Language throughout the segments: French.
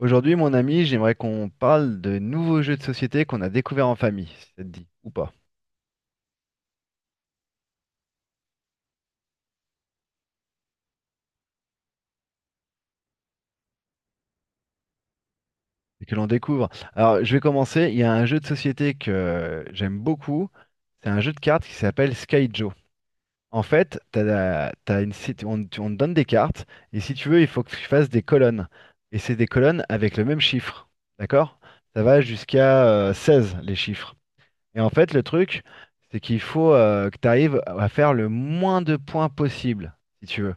Aujourd'hui, mon ami, j'aimerais qu'on parle de nouveaux jeux de société qu'on a découverts en famille, si ça te dit, ou pas, et que l'on découvre. Alors, je vais commencer. Il y a un jeu de société que j'aime beaucoup. C'est un jeu de cartes qui s'appelle Sky Joe. En fait, t'as la- t'as une, si- on, tu- on te donne des cartes, et si tu veux, il faut que tu fasses des colonnes. Et c'est des colonnes avec le même chiffre. D'accord? Ça va jusqu'à 16, les chiffres. Et en fait, le truc, c'est qu'il faut que tu arrives à faire le moins de points possible, si tu veux.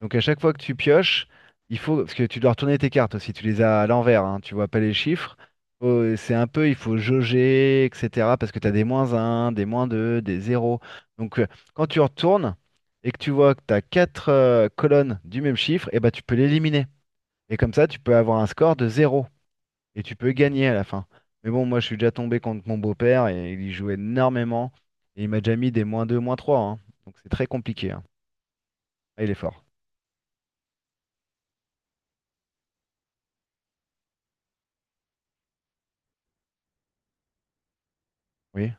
Donc à chaque fois que tu pioches, il faut, parce que tu dois retourner tes cartes aussi, tu les as à l'envers, hein, tu vois pas les chiffres. C'est un peu, il faut jauger, etc. Parce que tu as des moins un, des moins 2, des 0. Donc, quand tu retournes et que tu vois que tu as 4 colonnes du même chiffre, et ben tu peux l'éliminer. Et comme ça, tu peux avoir un score de zéro. Et tu peux gagner à la fin. Mais bon, moi je suis déjà tombé contre mon beau-père et il y joue énormément. Et il m'a déjà mis des moins 2, moins trois, hein. Donc c'est très compliqué, hein. Ah, il est fort. Oui.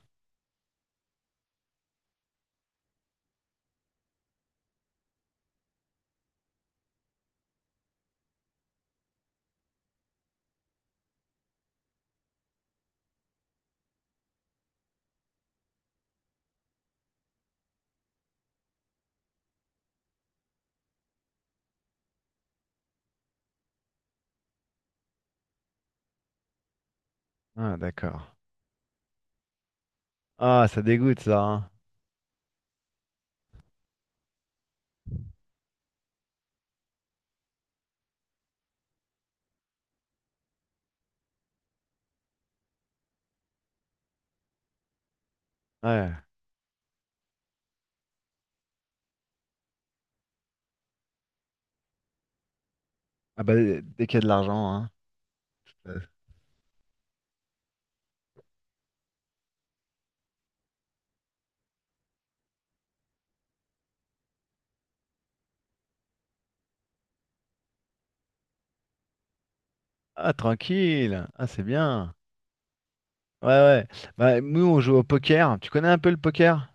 Ah, d'accord. Ah, ça dégoûte ça, hein. Ouais. Ah, bah dès qu'il y a de l'argent, hein. Ah, tranquille. Ah, c'est bien. Ouais, ouais. Bah, nous on joue au poker. Tu connais un peu le poker?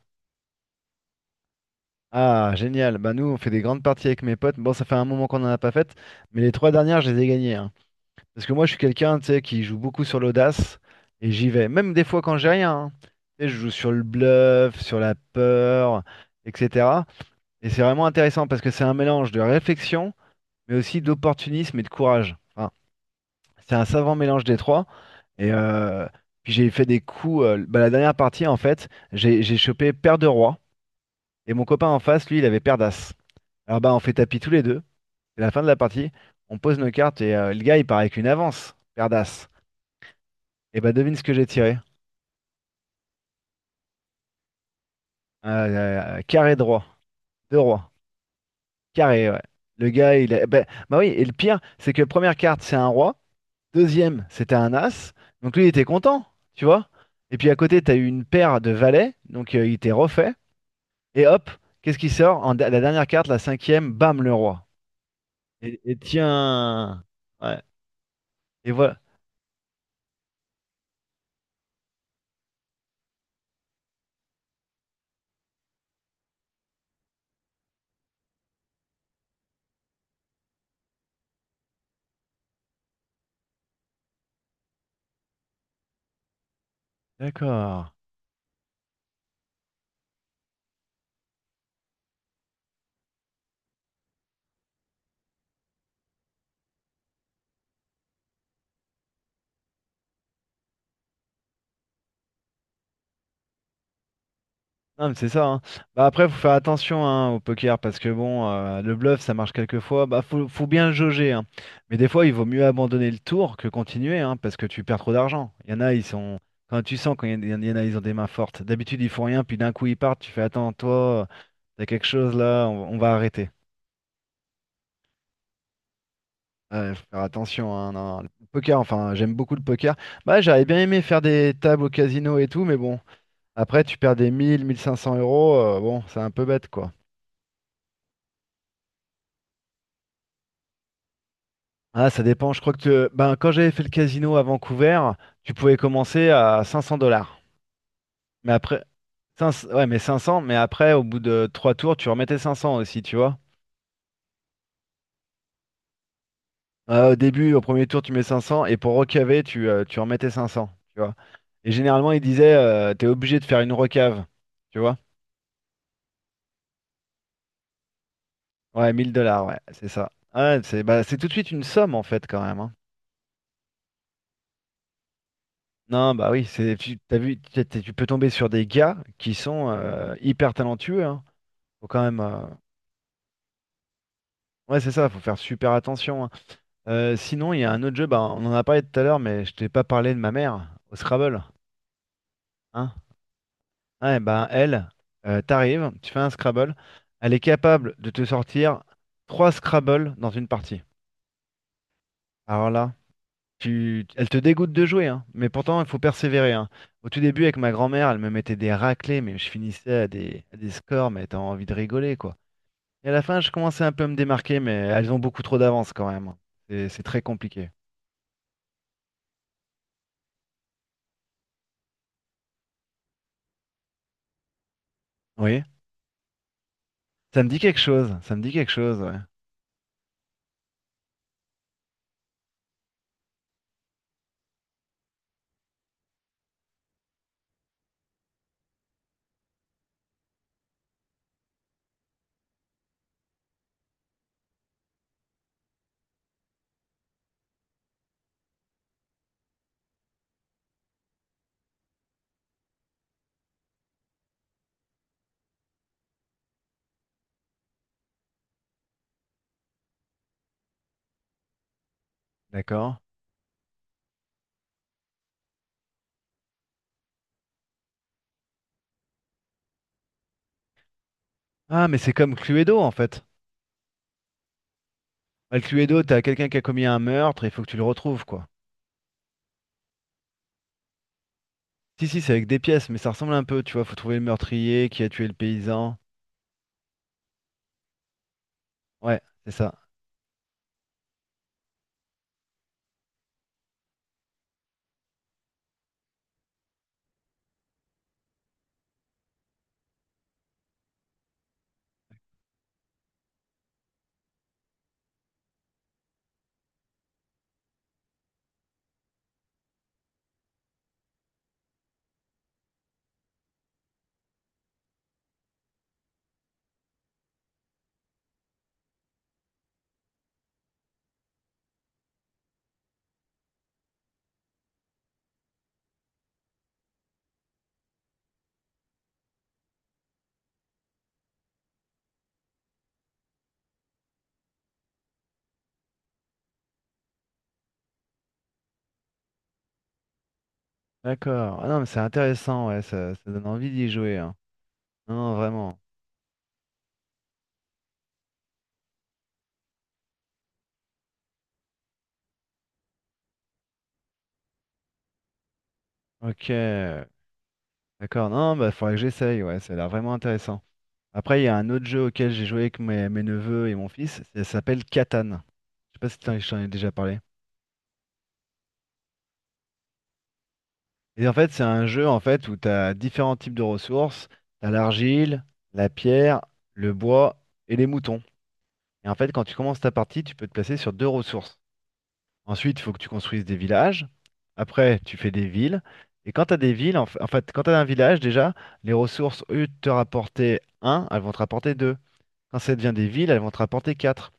Ah, génial. Bah, nous on fait des grandes parties avec mes potes. Bon, ça fait un moment qu'on n'en a pas fait, mais les trois dernières je les ai gagnées, hein. Parce que moi je suis quelqu'un tu sais qui joue beaucoup sur l'audace et j'y vais. Même des fois quand j'ai rien, hein. Tu sais, je joue sur le bluff, sur la peur, etc. Et c'est vraiment intéressant parce que c'est un mélange de réflexion, mais aussi d'opportunisme et de courage. Enfin. C'est un savant mélange des trois. Et puis j'ai fait des coups. La dernière partie, en fait, j'ai chopé paire de roi. Et mon copain en face, lui, il avait paire d'as. Alors, bah, on fait tapis tous les deux. C'est la fin de la partie. On pose nos cartes et le gars, il part avec une avance. Paire d'as. Et bah, devine ce que j'ai tiré. Euh, Carré de roi. Deux rois. Carré, ouais. Le gars, il a, bah, bah oui, et le pire, c'est que première carte, c'est un roi. Deuxième, c'était un as. Donc, lui, il était content, tu vois. Et puis à côté, t'as eu une paire de valets. Donc, il était refait. Et hop, qu'est-ce qui sort? La dernière carte, la cinquième, bam, le roi. Et tiens. Ouais. Et voilà. D'accord. Non, mais c'est ça, hein. Bah, après, faut faire attention, hein, au poker parce que bon, le bluff, ça marche quelquefois. Bah, faut bien le jauger, hein. Mais des fois, il vaut mieux abandonner le tour que continuer, hein, parce que tu perds trop d'argent. Il y en a, ils sont. Quand tu sens quand il y en a, ils ont des mains fortes. D'habitude, ils font rien, puis d'un coup, ils partent. Tu fais, attends, toi, t'as quelque chose là, on va arrêter. Ouais, faut faire attention, hein, non. Le poker, enfin, j'aime beaucoup le poker. Bah, j'aurais bien aimé faire des tables au casino et tout, mais bon, après, tu perds des mille, mille cinq cents euros, bon, c'est un peu bête, quoi. Ah, ça dépend, je crois que, ben, quand j'avais fait le casino à Vancouver, tu pouvais commencer à 500 dollars. Mais après, 500, ouais, mais 500, mais après, au bout de 3 tours, tu remettais 500 aussi, tu vois. Au début, au premier tour, tu mets 500 et pour recaver, tu remettais 500, tu vois. Et généralement, ils disaient, t'es obligé de faire une recave, tu vois. Ouais, 1000 dollars, ouais, c'est ça. Ouais, c'est tout de suite une somme en fait quand même, hein. Non, bah oui, c'est tu t'as vu, tu peux tomber sur des gars qui sont hyper talentueux. Hein. Faut quand même. Ouais, c'est ça, faut faire super attention, hein. Sinon, il y a un autre jeu, bah, on en a parlé tout à l'heure, mais je t'ai pas parlé de ma mère au Scrabble. Hein. Ouais, bah t'arrives, tu fais un Scrabble, elle est capable de te sortir trois Scrabble dans une partie. Alors là. Elle te dégoûte de jouer, hein. Mais pourtant, il faut persévérer, hein. Au tout début, avec ma grand-mère, elle me mettait des raclées, mais je finissais à des scores, mais t'as envie de rigoler, quoi. Et à la fin, je commençais un peu à me démarquer, mais elles ont beaucoup trop d'avance quand même, hein. C'est très compliqué. Oui, ça me dit quelque chose, ça me dit quelque chose, ouais. D'accord. Ah, mais c'est comme Cluedo, en fait. Ah, le Cluedo, t'as quelqu'un qui a commis un meurtre, il faut que tu le retrouves, quoi. Si, si, c'est avec des pièces, mais ça ressemble un peu, tu vois, faut trouver le meurtrier, qui a tué le paysan. Ouais, c'est ça. D'accord. Ah, non, mais c'est intéressant, ouais, ça donne envie d'y jouer, hein. Non, non, vraiment. Ok, d'accord. Non, bah faudrait que j'essaye, ouais, ça a l'air vraiment intéressant. Après, il y a un autre jeu auquel j'ai joué avec mes neveux et mon fils, ça s'appelle Catan. Je sais pas si je t'en ai déjà parlé. Et en fait, c'est un jeu en fait où tu as différents types de ressources. Tu as l'argile, la pierre, le bois et les moutons. Et en fait, quand tu commences ta partie, tu peux te placer sur deux ressources. Ensuite, il faut que tu construises des villages. Après, tu fais des villes. Et quand tu as des villes, en fait, quand tu as un village déjà, les ressources, au lieu de te rapporter un, elles vont te rapporter deux. Quand ça devient des villes, elles vont te rapporter quatre.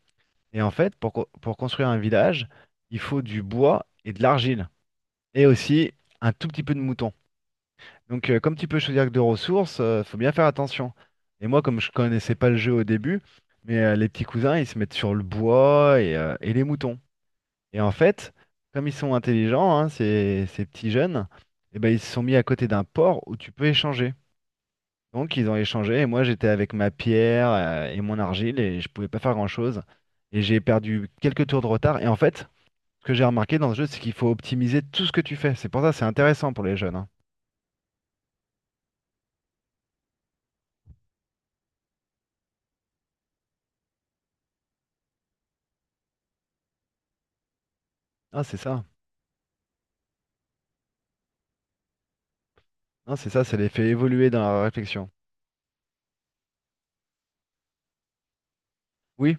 Et en fait, pour construire un village, il faut du bois et de l'argile. Et aussi un tout petit peu de moutons. Donc, comme tu peux choisir que deux ressources, faut bien faire attention. Et moi, comme je connaissais pas le jeu au début, mais les petits cousins, ils se mettent sur le bois et les moutons. Et en fait, comme ils sont intelligents, hein, ces petits jeunes, eh ben, ils se sont mis à côté d'un port où tu peux échanger. Donc, ils ont échangé et moi, j'étais avec ma pierre et mon argile et je pouvais pas faire grand-chose. Et j'ai perdu quelques tours de retard. Et en fait, ce que j'ai remarqué dans ce jeu, c'est qu'il faut optimiser tout ce que tu fais. C'est pour ça que c'est intéressant pour les jeunes, hein. Ah, c'est ça. Hein, c'est ça, ça les fait évoluer dans la réflexion. Oui,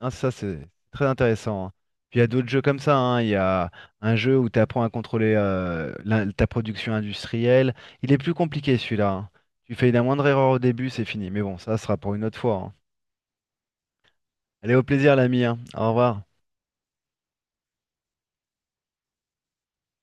hein, ça c'est très intéressant, hein. Puis il y a d'autres jeux comme ça, hein. Il y a un jeu où tu apprends à contrôler ta production industrielle. Il est plus compliqué celui-là, hein. Tu fais la moindre erreur au début, c'est fini. Mais bon, ça sera pour une autre fois, hein. Allez, au plaisir l'ami, hein. Au revoir.